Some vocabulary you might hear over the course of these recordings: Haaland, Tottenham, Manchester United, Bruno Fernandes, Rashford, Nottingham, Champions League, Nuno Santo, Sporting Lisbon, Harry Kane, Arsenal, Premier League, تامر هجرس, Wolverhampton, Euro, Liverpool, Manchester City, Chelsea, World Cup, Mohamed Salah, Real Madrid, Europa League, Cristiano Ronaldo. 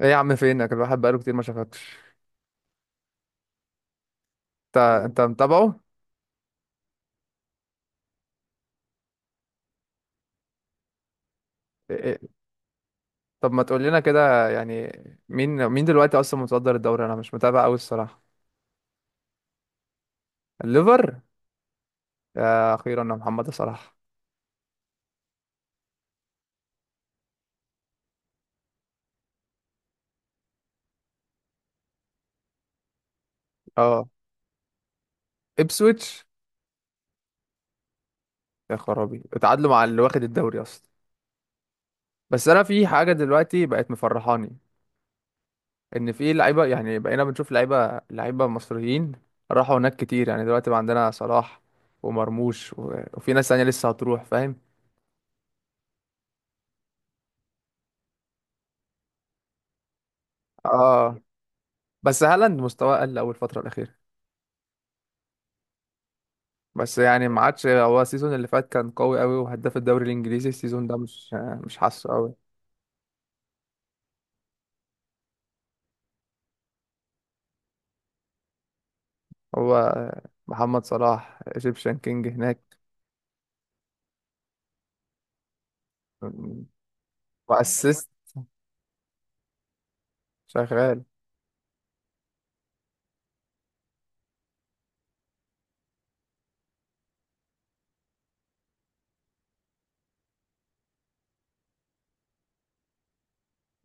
ايه يا عم، فينك؟ الواحد بقاله كتير ما شافكش. انت متابعه؟ إيه- إيه، طب ما تقول لنا كده يعني. مين دلوقتي اصلا متصدر الدوري؟ انا مش متابع قوي الصراحه. الليفر؟ يا اخيرا يا محمد صلاح. اه، ابسويتش؟ يا خرابي اتعادلوا مع اللي واخد الدوري اصلا. بس انا في حاجه دلوقتي بقت مفرحاني، ان في لعيبه، يعني بقينا بنشوف لعيبه مصريين راحوا هناك كتير، يعني دلوقتي بقى عندنا صلاح ومرموش وفي ناس تانية لسه هتروح، فاهم. اه. بس هالاند مستواه قل أول فترة الأخيرة، بس يعني ما عادش هو. السيزون اللي فات كان قوي قوي وهداف الدوري الإنجليزي، السيزون ده مش، مش حاسه قوي. هو محمد صلاح ايجيبشن كينج هناك، وأسيست شغال.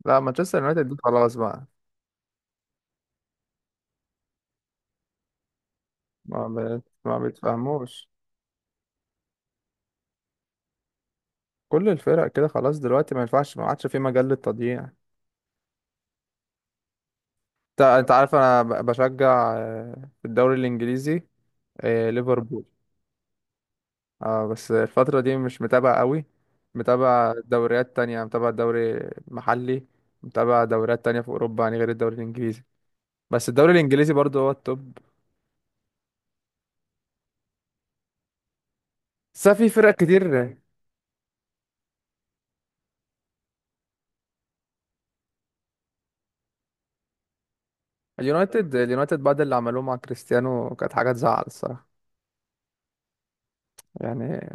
لا مانشستر يونايتد دي خلاص بقى. ما بتفهموش. كل الفرق كده خلاص دلوقتي، ما ينفعش، ما عادش في مجال للتضييع. انت عارف انا بشجع في الدوري الانجليزي، ليفربول. اه، بس الفترة دي مش متابع قوي، متابع دوريات تانية، متابع دوري محلي، متابع دوريات تانية في أوروبا، يعني غير الدوري الإنجليزي. بس الدوري الإنجليزي برضه هو التوب، بس في فرق كتير. اليونايتد بعد اللي عملوه مع كريستيانو كانت حاجة تزعل الصراحة، يعني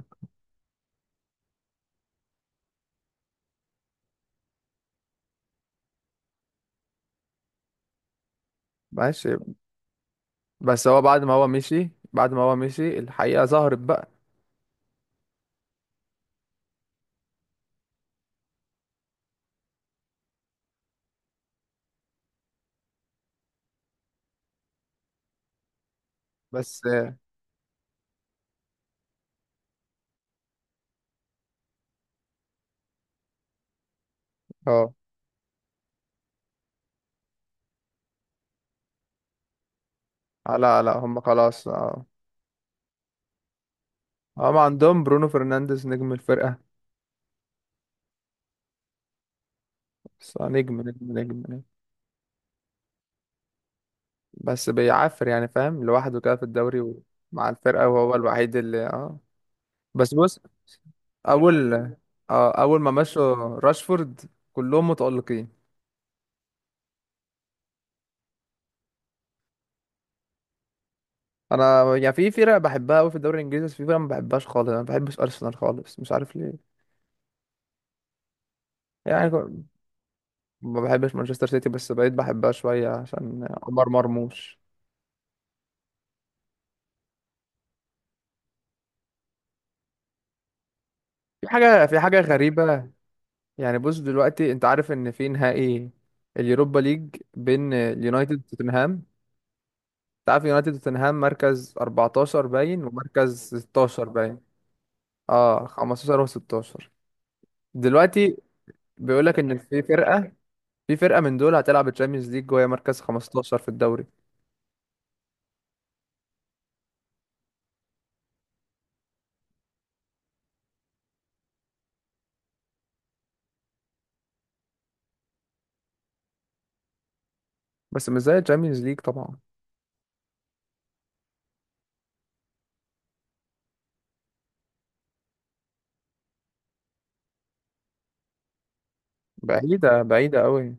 ماشي. بس هو بعد ما هو مشي، الحقيقة ظهرت بقى. بس اه، لا لا، هم خلاص، اه. هم عندهم برونو فرنانديز نجم الفرقة، بس نجم نجم نجم. بس بيعافر يعني، فاهم، لوحده كده في الدوري ومع الفرقة، وهو الوحيد اللي اه. بس بص. اول اه اول ما مشوا، راشفورد، كلهم متألقين. انا يعني في فرق بحبها قوي في الدوري الانجليزي، بس في فرق ما بحبهاش خالص. انا ما بحبش ارسنال خالص، مش عارف ليه. يعني ما بحبش مانشستر سيتي، بس بقيت بحبها شوية عشان عمر مرموش. في حاجة غريبة، يعني بص دلوقتي، انت عارف ان في نهائي اليوروبا ليج بين اليونايتد وتوتنهام. تعرف يونايتد وتوتنهام، مركز 14 باين ومركز 16 باين، اه، 15 و16. دلوقتي بيقول لك ان في فرقة من دول هتلعب الشامبيونز ليج وهي مركز 15 في الدوري، بس مش زي الشامبيونز ليج طبعا، بعيدة بعيدة قوي.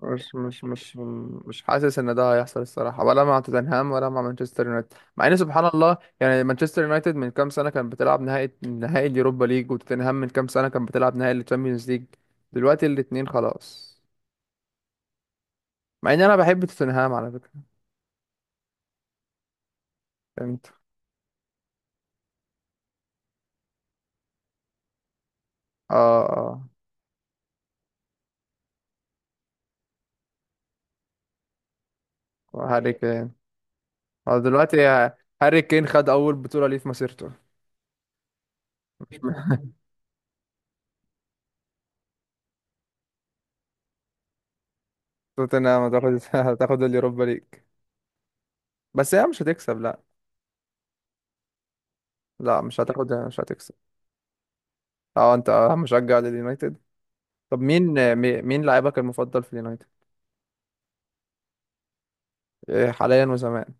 مش مش مش مش حاسس ان ده هيحصل الصراحة، ولا مع توتنهام ولا مع مانشستر يونايتد. مع ان سبحان الله يعني، مانشستر يونايتد من كام سنة كان بتلعب نهائي اليوروبا ليج، وتوتنهام من كام سنة كان بتلعب نهائي الشامبيونز ليج، دلوقتي الاتنين خلاص. مع ان انا بحب توتنهام على فكره، فهمت. اه، اه، وهاري كين. اه دلوقتي هاري كين خد اول بطوله ليه في مسيرته. توتنهام هتاخد اليوروبا ليج، بس هي مش هتكسب، لا. لا، مش هتاخد، مش هتكسب. اه، انت مشجع لليونايتد. طب مين لاعبك المفضل في اليونايتد؟ إيه، حاليا وزمان؟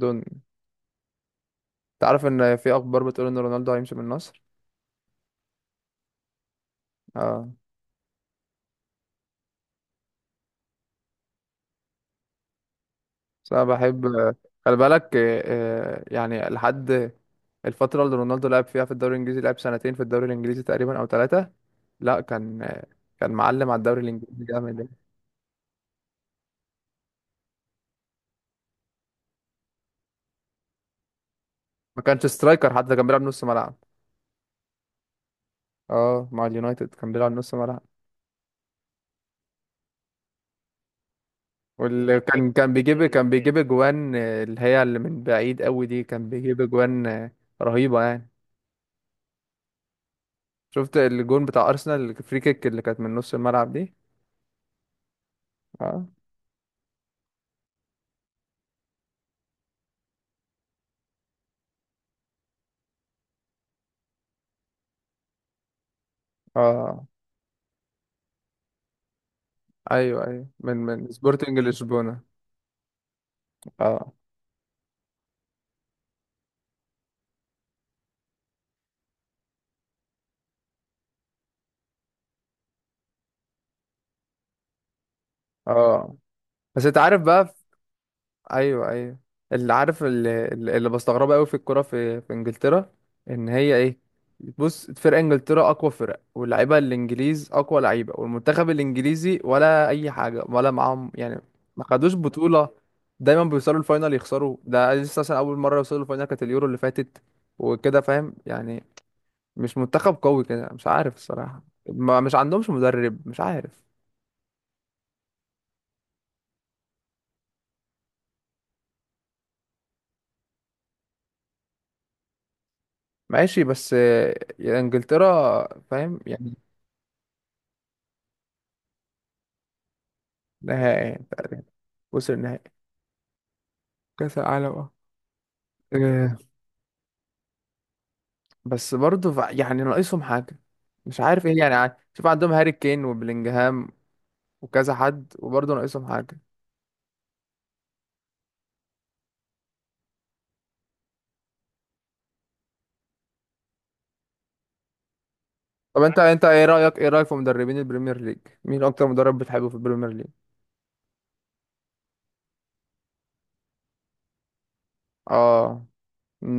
دون. انت عارف ان في اخبار بتقول ان رونالدو هيمشي من النصر؟ اه. بس انا بحب، خلي بالك، يعني لحد الفترة اللي رونالدو لعب فيها في الدوري الانجليزي، لعب سنتين في الدوري الانجليزي تقريبا او ثلاثة. لا، كان كان معلم على الدوري الانجليزي جامد يعني. ما كانش سترايكر حتى، كان بيلعب نص ملعب. اه، مع اليونايتد كان بيلعب نص ملعب. واللي كان بيجيب اجوان اللي هي اللي من بعيد قوي دي، كان بيجيب اجوان رهيبة يعني. شفت الجون بتاع ارسنال الفري كيك اللي كانت من نص الملعب دي؟ اه، اه، آه، ايوه، ايوه، من سبورتنج لشبونة. اه. اه، بس انت عارف بقى ايوه، ايوه، اللي عارف اللي, اللي بستغربه قوي في الكوره، في انجلترا، ان هي ايه. بص، فرق انجلترا اقوى فرق، واللعيبه الانجليز اقوى لعيبه، والمنتخب الانجليزي ولا اي حاجه، ولا معاهم يعني. ما خدوش بطوله، دايما بيوصلوا الفاينل يخسروا. ده لسه مثلا اول مره يوصلوا الفاينل كانت اليورو اللي فاتت، وكده فاهم يعني. مش منتخب قوي كده، مش عارف الصراحه. ما، مش عندهمش مدرب، مش عارف. ماشي، بس يعني انجلترا، فاهم يعني. نهائي، وصل نهائي كاس العالم، اه، آه، بس برضه يعني ناقصهم حاجة، مش عارف ايه يعني. شوف، عندهم هاري كين وبلينجهام وكذا حد، وبرضه ناقصهم حاجة. طب انت ايه رأيك، في مدربين البريمير ليج؟ مين اكتر مدرب بتحبه في البريمير ليج؟ اه،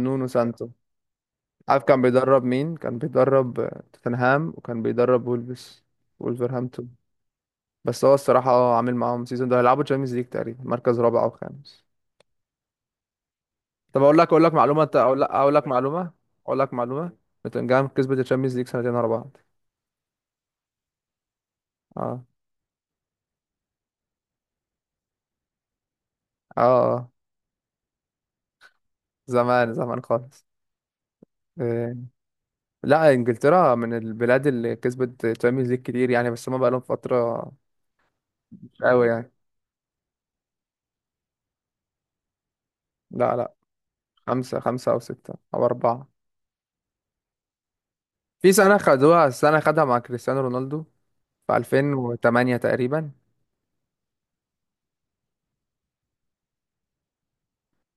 نونو سانتو. عارف كان بيدرب مين؟ كان بيدرب توتنهام، وكان بيدرب وولفز، وولفرهامبتون. بس هو الصراحة اه عامل معاهم سيزون ده، هيلعبوا تشامبيونز ليج تقريبا، مركز رابع أو خامس. طب أقول لك معلومة، أقول لك معلومة. نوتنجهام كسبت التشامبيونز ليج سنتين ورا بعض. اه، اه، آه. زمان زمان خالص. إيه. لا، إنجلترا من البلاد اللي كسبت تشامبيونز ليج كتير يعني، بس هما بقالهم فترة مش قوي يعني. لا، لا، خمسة أو ستة أو أربعة. في سنة خدوها، السنة خدها مع كريستيانو رونالدو في 2008 تقريبا.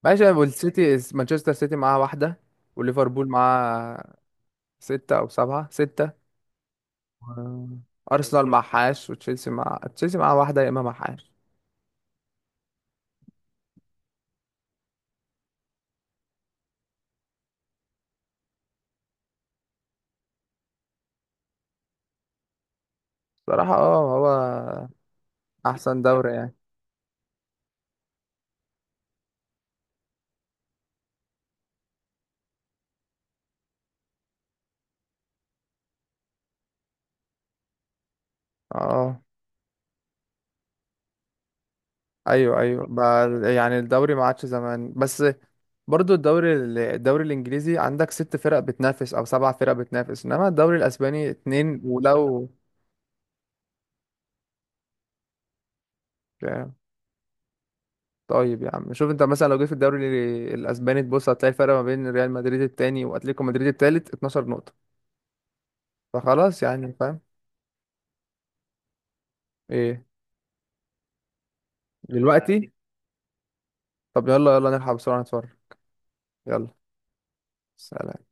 ماشي، والسيتي مانشستر سيتي معاه واحدة، وليفربول معاه ستة أو سبعة، ستة. و- أرسنال معهاش، وتشيلسي، مع تشيلسي معاه واحدة، يا إما معهاش. صراحة اه، هو أحسن دوري يعني. اه، أيوه، أيوه بقى. يعني الدوري ما عادش زمان، بس برضو الدوري الدوري الإنجليزي عندك ست فرق بتنافس أو سبع فرق بتنافس، إنما الدوري الأسباني اتنين، ولو. طيب يا عم، شوف انت مثلا لو جيت في الدوري الاسباني، تبص هتلاقي الفرق ما بين ريال مدريد التاني واتليتيكو مدريد التالت 12 نقطة، فخلاص يعني، فاهم. ايه، دلوقتي؟ طب يلا يلا نلحق بسرعة نتفرج. يلا. سلام.